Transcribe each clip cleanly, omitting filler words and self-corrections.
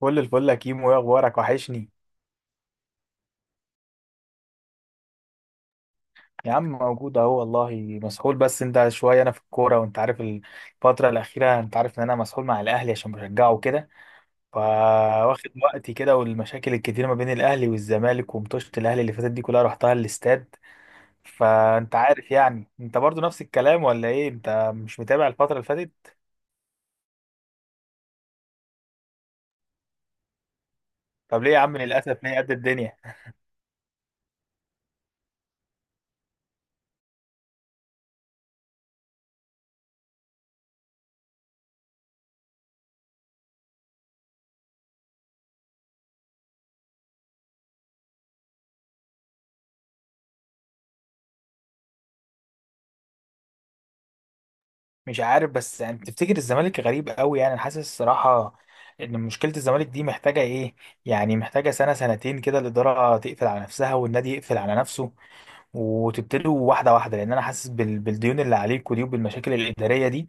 كل الفل يا كيمو، ايه اخبارك؟ وحشني. يا عم موجود اهو والله. مسحول بس انت شويه، انا في الكوره وانت عارف الفتره الاخيره، انت عارف ان انا مسحول مع الاهلي عشان بشجعه كده. فواخد وقتي كده، والمشاكل الكتير ما بين الاهلي والزمالك ومطوشه الاهلي اللي فاتت دي كلها رحتها الاستاد. فانت عارف انت برضو نفس الكلام ولا ايه؟ انت مش متابع الفتره اللي فاتت؟ طب ليه يا عم؟ للاسف ليه قد الدنيا؟ مش عارف، بس بتفتكر الزمالك غريب قوي؟ يعني انا حاسس الصراحه ان مشكله الزمالك دي محتاجه ايه؟ يعني محتاجه سنه سنتين كده الاداره تقفل على نفسها والنادي يقفل على نفسه، وتبتدوا واحده واحده، لان انا حاسس بالديون اللي عليكوا دي وبالمشاكل الاداريه دي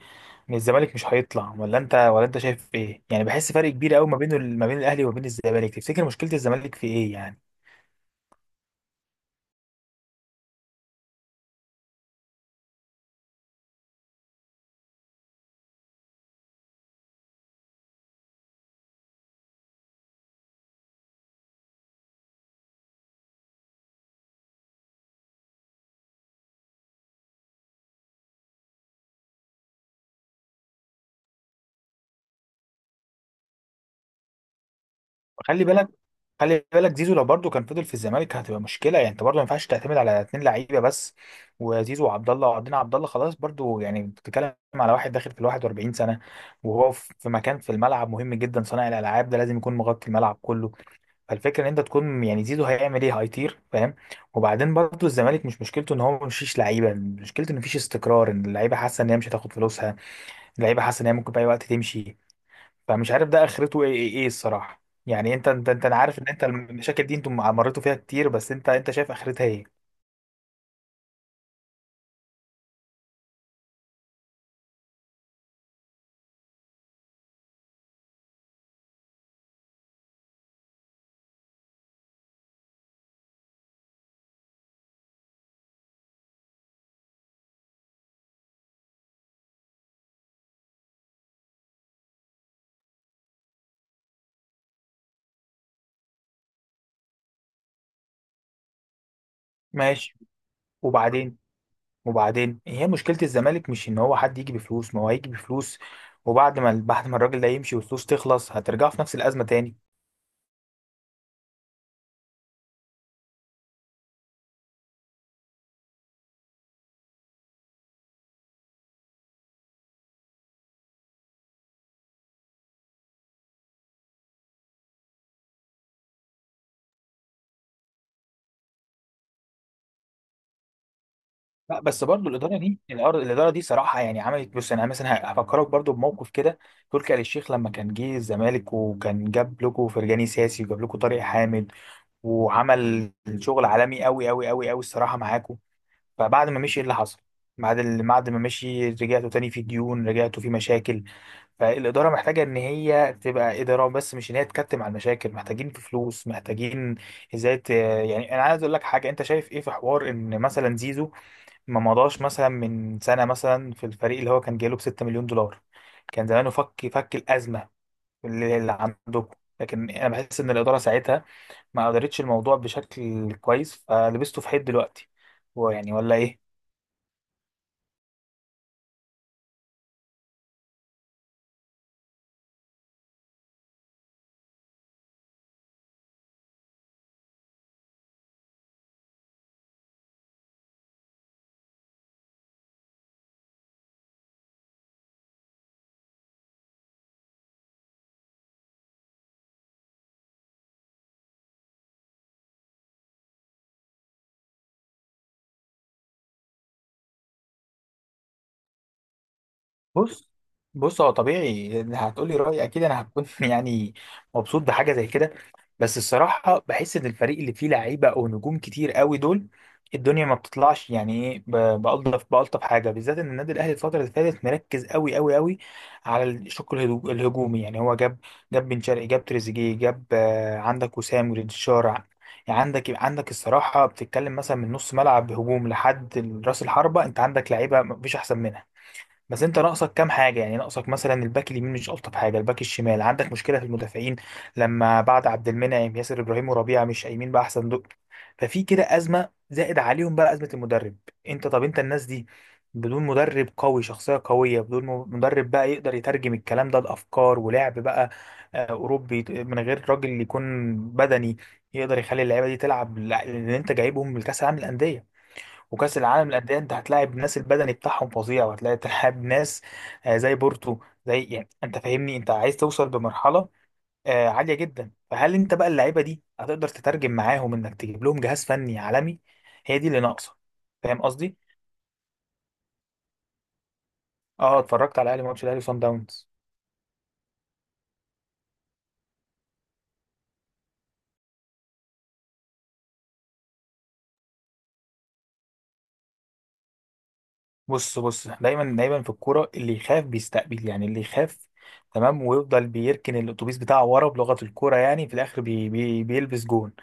ان الزمالك مش هيطلع. ولا انت؟ ولا انت شايف ايه؟ يعني بحس فرق كبير قوي ما بين ما بين الاهلي وما بين الزمالك. تفتكر مشكله الزمالك في ايه يعني؟ خلي بالك، خلي بالك، زيزو لو برضه كان فضل في الزمالك هتبقى مشكله، يعني انت برضه ما ينفعش تعتمد على اتنين لعيبه بس، وزيزو وعبد الله، وعبدين عبد الله خلاص برضه، يعني بتتكلم على واحد داخل في ال 41 سنه. وهو في مكان في الملعب مهم جدا، صانع الالعاب ده لازم يكون مغطي الملعب كله. فالفكره ان انت تكون، يعني زيزو هيعمل ايه؟ هيطير، فاهم؟ وبعدين برضه الزمالك مش مشكلته ان هو مفيش لعيبه، مشكلته ان مفيش استقرار، ان اللعيبه حاسه ان هي مش هتاخد فلوسها، اللعيبه حاسه ان هي ممكن في اي وقت تمشي. فمش عارف ده اخرته ايه، ايه ايه الصراحه، يعني انت أنا عارف ان انت المشاكل دي انتم مريتوا فيها كتير، بس انت شايف اخرتها ايه؟ ماشي. وبعدين، هي مشكله الزمالك مش ان هو حد يجي بفلوس، ما هو هيجي بفلوس، وبعد ما بعد ما الراجل ده يمشي والفلوس تخلص هترجعوا في نفس الازمه تاني. لا بس برضو الاداره دي الاداره دي صراحه يعني عملت، بص انا مثلا هفكرك برضو بموقف كده، تركي آل الشيخ لما كان جه الزمالك وكان جاب لكم فرجاني ساسي وجاب لكم طارق حامد، وعمل شغل عالمي قوي قوي قوي قوي الصراحه معاكم. فبعد ما مشي ايه اللي حصل؟ بعد ما مشي رجعتوا تاني في ديون، رجعتوا في مشاكل. فالاداره محتاجه ان هي تبقى اداره، بس مش ان هي تكتم على المشاكل. محتاجين في فلوس، محتاجين يعني انا عايز اقول لك حاجه، انت شايف ايه في حوار ان مثلا زيزو ما مضاش مثلا من سنه مثلا في الفريق اللي هو كان جايله ب 6 مليون دولار، كان زمانه فك الازمه اللي عندكم. لكن انا بحس ان الاداره ساعتها ما قدرتش الموضوع بشكل كويس فلبسته في حيط دلوقتي، هو يعني ولا ايه؟ بص، هو طبيعي إن هتقولي رأيي، اكيد انا هكون يعني مبسوط بحاجه زي كده. بس الصراحه بحس ان الفريق اللي فيه لعيبه او نجوم كتير قوي دول الدنيا ما بتطلعش، يعني ايه بألطف بألطف حاجه، بالذات ان النادي الاهلي الفتره اللي فاتت مركز قوي قوي قوي على الشق الهجومي، يعني هو جاب بن شرقي، جاب تريزيجيه، جاب آه، عندك وسام وريد الشارع. يعني عندك الصراحه، بتتكلم مثلا من نص ملعب هجوم لحد راس الحربه، انت عندك لعيبه مفيش احسن منها. بس انت ناقصك كام حاجه، يعني ناقصك مثلا الباك اليمين مش الطف حاجه، الباك الشمال، عندك مشكله في المدافعين لما بعد عبد المنعم، ياسر ابراهيم وربيعه مش قايمين باحسن دول. ففي كده ازمه، زائد عليهم بقى ازمه المدرب. انت طب انت الناس دي بدون مدرب قوي شخصيه قويه، بدون مدرب بقى يقدر يترجم الكلام ده لافكار ولعب بقى، آه، اوروبي من غير راجل يكون بدني، يقدر يخلي اللعيبه دي تلعب اللي انت جايبهم من كاس العالم للانديه. وكأس العالم للأندية أنت هتلاعب ناس البدني بتاعهم فظيع، وهتلاقي تلعب ناس آه، زي بورتو، زي يعني أنت فاهمني، أنت عايز توصل بمرحلة آه، عالية جدا، فهل أنت بقى اللعيبة دي هتقدر تترجم معاهم إنك تجيب لهم جهاز فني عالمي؟ هي دي اللي ناقصة. فاهم قصدي؟ أه اتفرجت على الأهلي، ماتش الأهلي وصن داونز. بص، دايما، في الكورة اللي يخاف بيستقبل، يعني اللي يخاف تمام ويفضل بيركن الأتوبيس بتاعه ورا، بلغة الكورة يعني في الآخر بي بي بيلبس جون،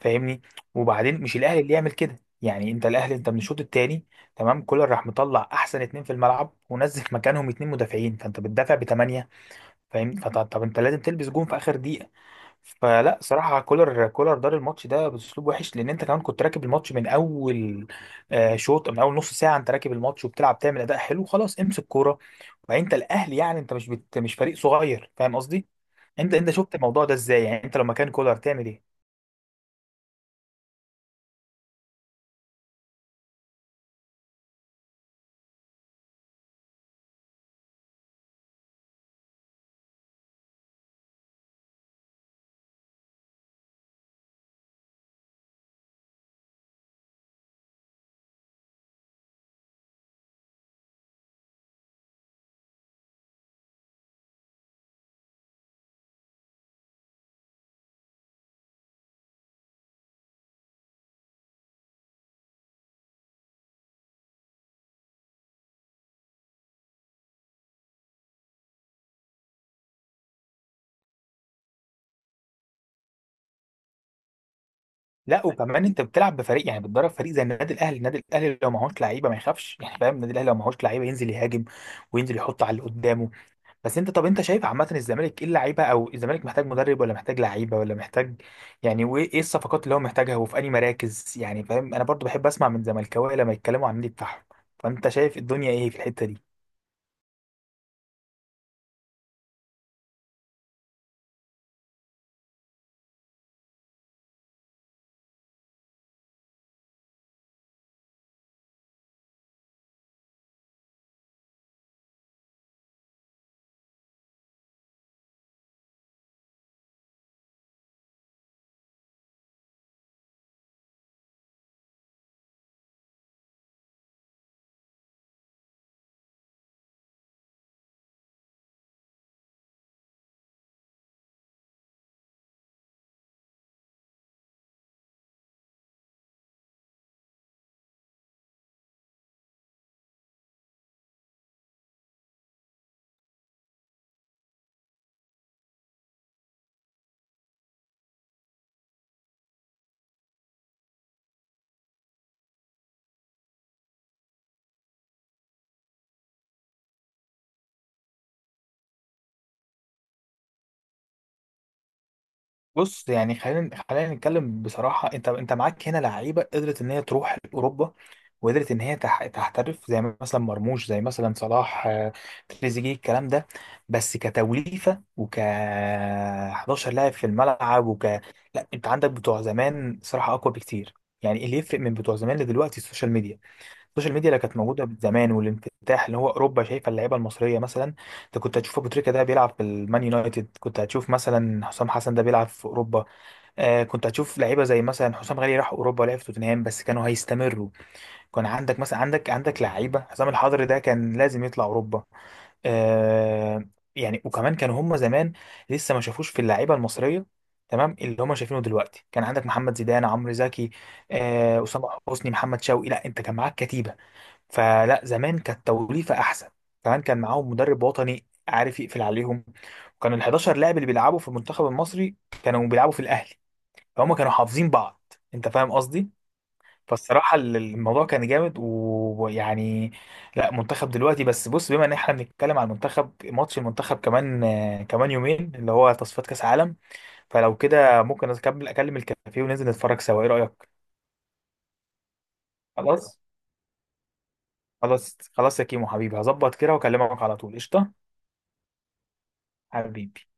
فاهمني؟ وبعدين مش الاهلي اللي يعمل كده، يعني انت الاهلي انت من الشوط الثاني تمام، كولر راح مطلع احسن اتنين في الملعب ونزل مكانهم اتنين مدافعين، فانت بتدافع بثمانية، فاهمني؟ طب انت لازم تلبس جون في اخر دقيقة؟ فلا صراحة كولر دار الماتش ده باسلوب وحش، لان انت كمان كنت راكب الماتش من اول آه، شوط، من اول نص ساعة انت راكب الماتش وبتلعب تعمل اداء حلو، خلاص امسك كورة. وبعدين انت الاهلي، يعني انت مش فريق صغير، فاهم قصدي؟ انت، شفت الموضوع ده ازاي؟ يعني انت لو مكان كولر تعمل ايه؟ لا وكمان انت بتلعب بفريق، يعني بتدرب فريق زي النادي الاهلي، النادي الاهلي لو معهوش لعيبه ما يخافش، يعني فاهم، النادي الاهلي لو معهوش لعيبه ينزل يهاجم وينزل يحط على اللي قدامه. بس انت طب انت شايف عامه الزمالك ايه؟ اللعيبه، او الزمالك محتاج مدرب ولا محتاج لعيبه ولا محتاج، يعني وايه ايه الصفقات اللي هو محتاجها وفي انهي مراكز؟ يعني فاهم انا برضو بحب اسمع من زملكاويه لما يتكلموا عن النادي بتاعهم. فانت شايف الدنيا ايه في الحته دي؟ بص يعني، خلينا نتكلم بصراحه، انت معاك هنا لعيبه قدرت ان هي تروح اوروبا، وقدرت ان هي تحترف زي مثلا مرموش، زي مثلا صلاح، آه، تريزيجيه الكلام ده. بس كتوليفه وك 11 لاعب في الملعب وك، لا انت عندك بتوع زمان صراحه اقوى بكتير. يعني اللي يفرق من بتوع زمان لدلوقتي السوشيال ميديا، السوشيال ميديا اللي كانت موجوده من زمان والانفتاح اللي هو اوروبا شايفه اللعيبه المصريه مثلا. انت كنت هتشوف ابو تريكه ده بيلعب في المان يونايتد، كنت هتشوف مثلا حسام حسن ده بيلعب في اوروبا، آه كنت هتشوف لعيبه زي مثلا حسام غالي راح اوروبا ولعب في توتنهام، بس كانوا هيستمروا. كان عندك مثلا، عندك لعيبه حسام الحضري ده كان لازم يطلع اوروبا، آه، يعني. وكمان كانوا هم زمان لسه ما شافوش في اللعيبه المصريه تمام، اللي هم شايفينه دلوقتي، كان عندك محمد زيدان، عمرو زكي، آه اسامه حسني، محمد شوقي، لا انت كان معاك كتيبه. فلا زمان كانت توليفه احسن، كمان كان معاهم مدرب وطني عارف يقفل عليهم، وكانوا ال 11 لاعب اللي بيلعبوا في المنتخب المصري كانوا بيلعبوا في الاهلي، فهم كانوا حافظين بعض، انت فاهم قصدي؟ فالصراحه الموضوع كان جامد ويعني. لا منتخب دلوقتي، بس بص بما ان احنا بنتكلم على المنتخب، ماتش المنتخب كمان آه، كمان يومين، اللي هو تصفيات كاس عالم. فلو كده ممكن اكمل اكلم الكافيه وننزل نتفرج سوا، ايه رايك؟ خلاص، خلاص يا كيمو حبيبي، هظبط كده واكلمك على طول، قشطه حبيبي.